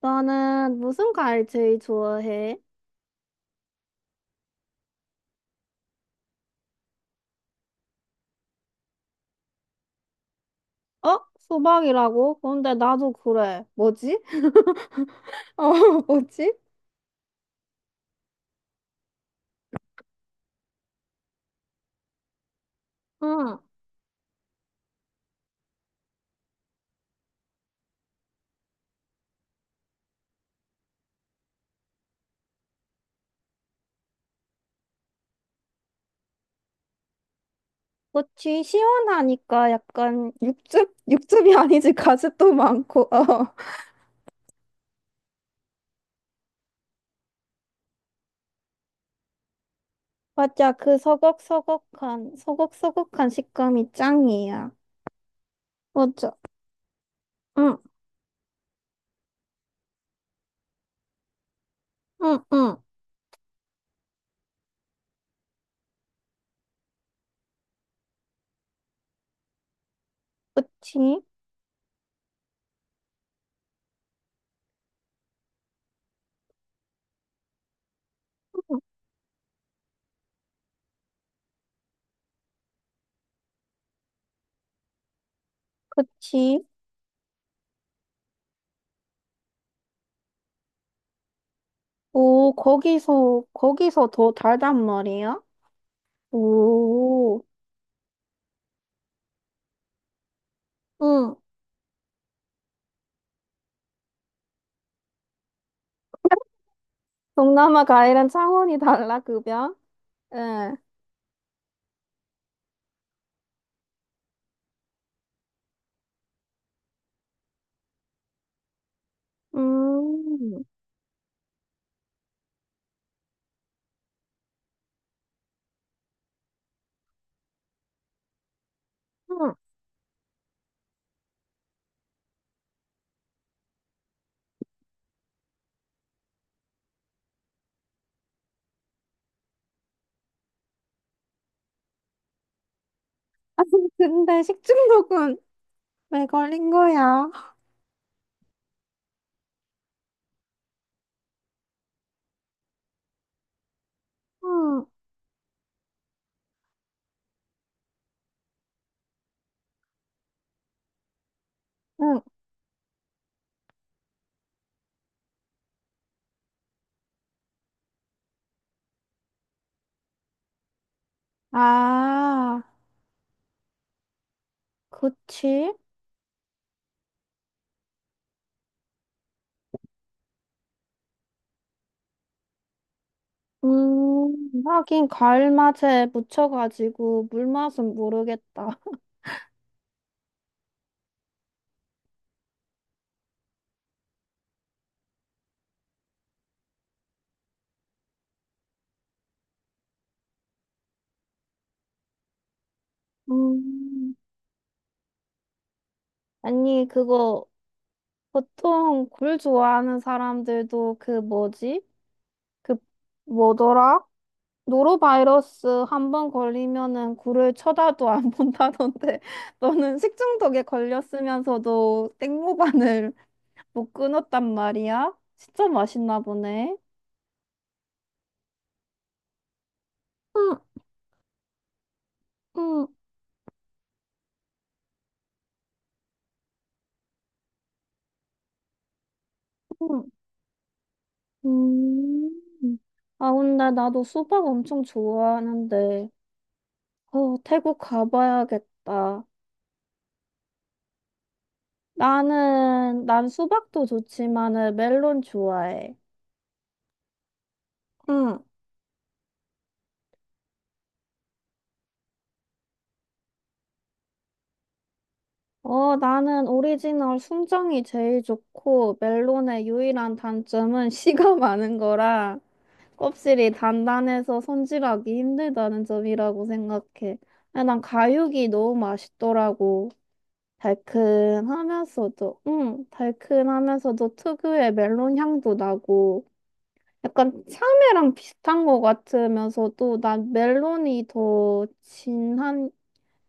나는 무슨 과일 제일 좋아해? 어? 수박이라고? 근데 나도 그래. 뭐지? 어, 뭐지? 응. 그치, 시원하니까 약간 육즙? 육즙이 아니지, 가습도 많고, 어. 맞아, 그 서걱서걱한 식감이 짱이야. 맞아. 응, 응, 응. 그치? 응, 그치? 오, 거기서 더 달단 말이야? 오. 응. 동남아 과일은 창원이 달라, 급여? 예. 음. 음. 아니, 근데 식중독은 왜 걸린 거야? 응, 응. 아, 그치? 하긴 과일 맛에 묻혀가지고 물 맛은 모르겠다. 음. 아니, 그거 보통 굴 좋아하는 사람들도 그 뭐지? 그 뭐더라? 노로바이러스 한 번 걸리면은 굴을 쳐다도 안 본다던데 너는 식중독에 걸렸으면서도 땡모반을 못 끊었단 말이야? 진짜 맛있나 보네. 응, 응, 응. 음. 아, 근데 나도 수박 엄청 좋아하는데, 태국 가봐야겠다. 난 수박도 좋지만은 멜론 좋아해. 나는 오리지널 순정이 제일 좋고, 멜론의 유일한 단점은 씨가 많은 거라, 껍질이 단단해서 손질하기 힘들다는 점이라고 생각해. 아니, 난 가육이 너무 맛있더라고. 응, 달큰하면서도 특유의 멜론 향도 나고, 약간 참외랑 비슷한 것 같으면서도, 난 멜론이 더 진한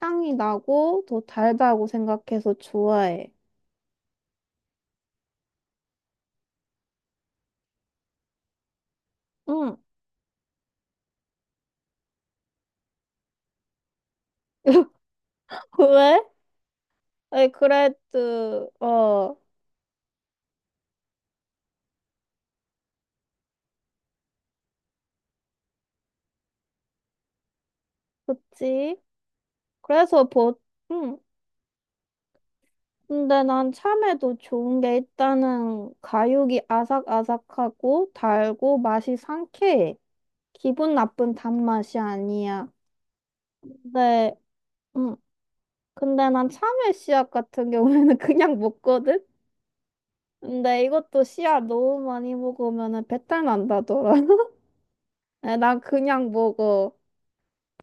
향이 나고, 더 달다고 생각해서 좋아해. 응. 왜? 아니, 그래도, 그치? 그래서 보, 응. 근데 난 참외도 좋은 게 일단은 가육이 아삭아삭하고 달고 맛이 상쾌해. 기분 나쁜 단맛이 아니야. 근데, 응. 근데 난 참외 씨앗 같은 경우에는 그냥 먹거든? 근데 이것도 씨앗 너무 많이 먹으면은 배탈 난다더라. 난 그냥 먹어.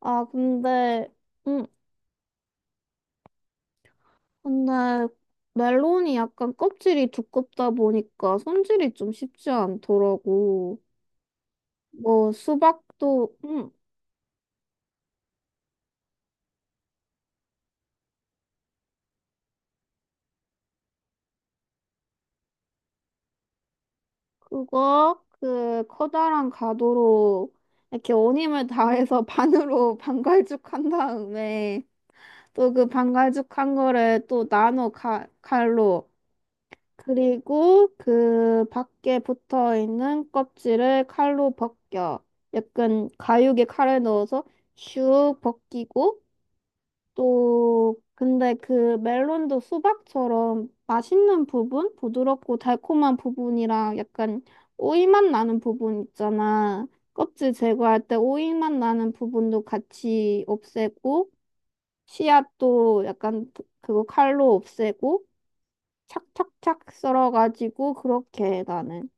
아, 근데, 음. 근데 멜론이 약간 껍질이 두껍다 보니까 손질이 좀 쉽지 않더라고. 뭐 수박도 그거 그 커다란 가도로 이렇게 온 힘을 다해서 반으로 반갈죽한 다음에 또 그 반갈죽한 거를 또 나눠 칼로 그리고 그 밖에 붙어 있는 껍질을 칼로 벗겨. 약간 가육에 칼을 넣어서 슉 벗기고 또 근데 그 멜론도 수박처럼 맛있는 부분, 부드럽고 달콤한 부분이랑 약간 오이맛 나는 부분 있잖아. 껍질 제거할 때 오이맛 나는 부분도 같이 없애고 씨앗도 약간 그거 칼로 없애고 착착착 썰어가지고 그렇게 해 나는.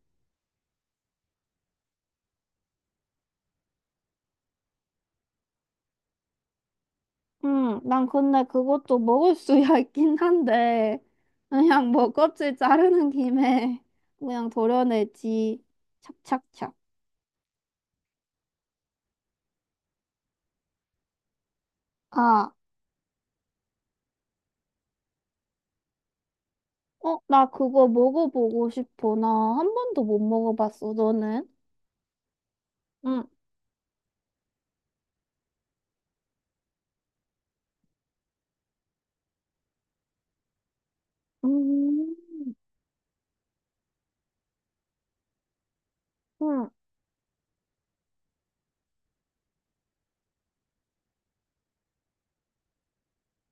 응, 난 근데 그것도 먹을 수야 있긴 한데, 그냥 뭐 껍질 자르는 김에 그냥 도려내지. 착착착. 아, 어, 나 그거 먹어보고 싶어. 나 한 번도 못 먹어봤어, 너는? 응, 음, 응,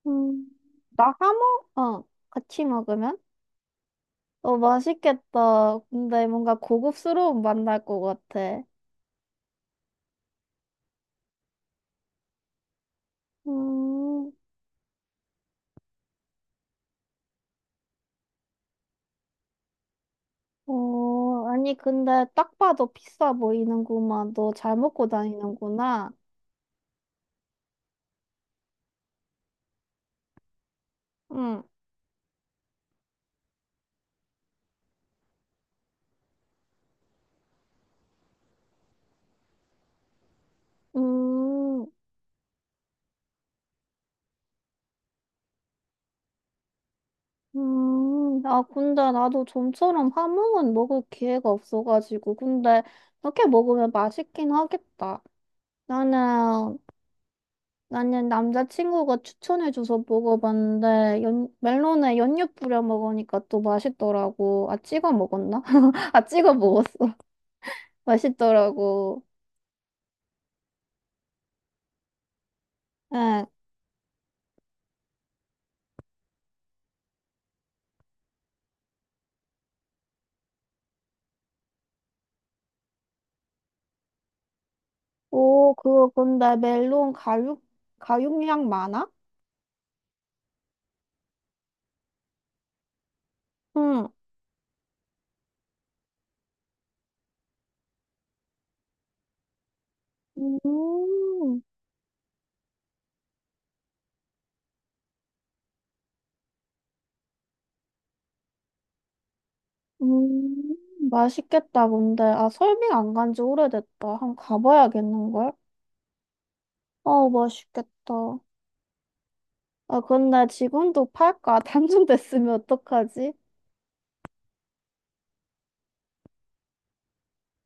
음. 나 하모? 어, 같이 먹으면? 어, 맛있겠다. 근데 뭔가 고급스러운 맛날 것 같아. 음. 아니, 근데 딱 봐도 비싸 보이는구만. 너 잘 먹고 다니는구나. 응. 음, 아, 근데 나도 좀처럼 함흥은 먹을 기회가 없어가지고. 근데 이렇게 먹으면 맛있긴 하겠다. 나는, 나는 남자친구가 추천해줘서 먹어봤는데, 멜론에 연유 뿌려 먹으니까 또 맛있더라고. 아, 찍어 먹었나? 아, 찍어 먹었어. 맛있더라고. 예, 오, 그거 근데 멜론 가육량 많아? 응. 음, 음, 맛있겠다, 근데. 아, 설빙 안 간지 오래됐다. 한번 가봐야겠는걸? 어, 맛있겠다. 아, 근데 지금도 팔까? 단종됐으면 어떡하지?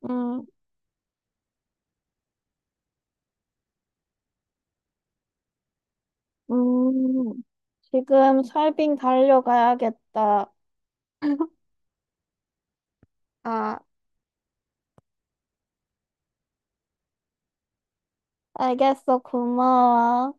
음, 음, 지금 설빙 달려가야겠다. 아, 알겠어. 고마워.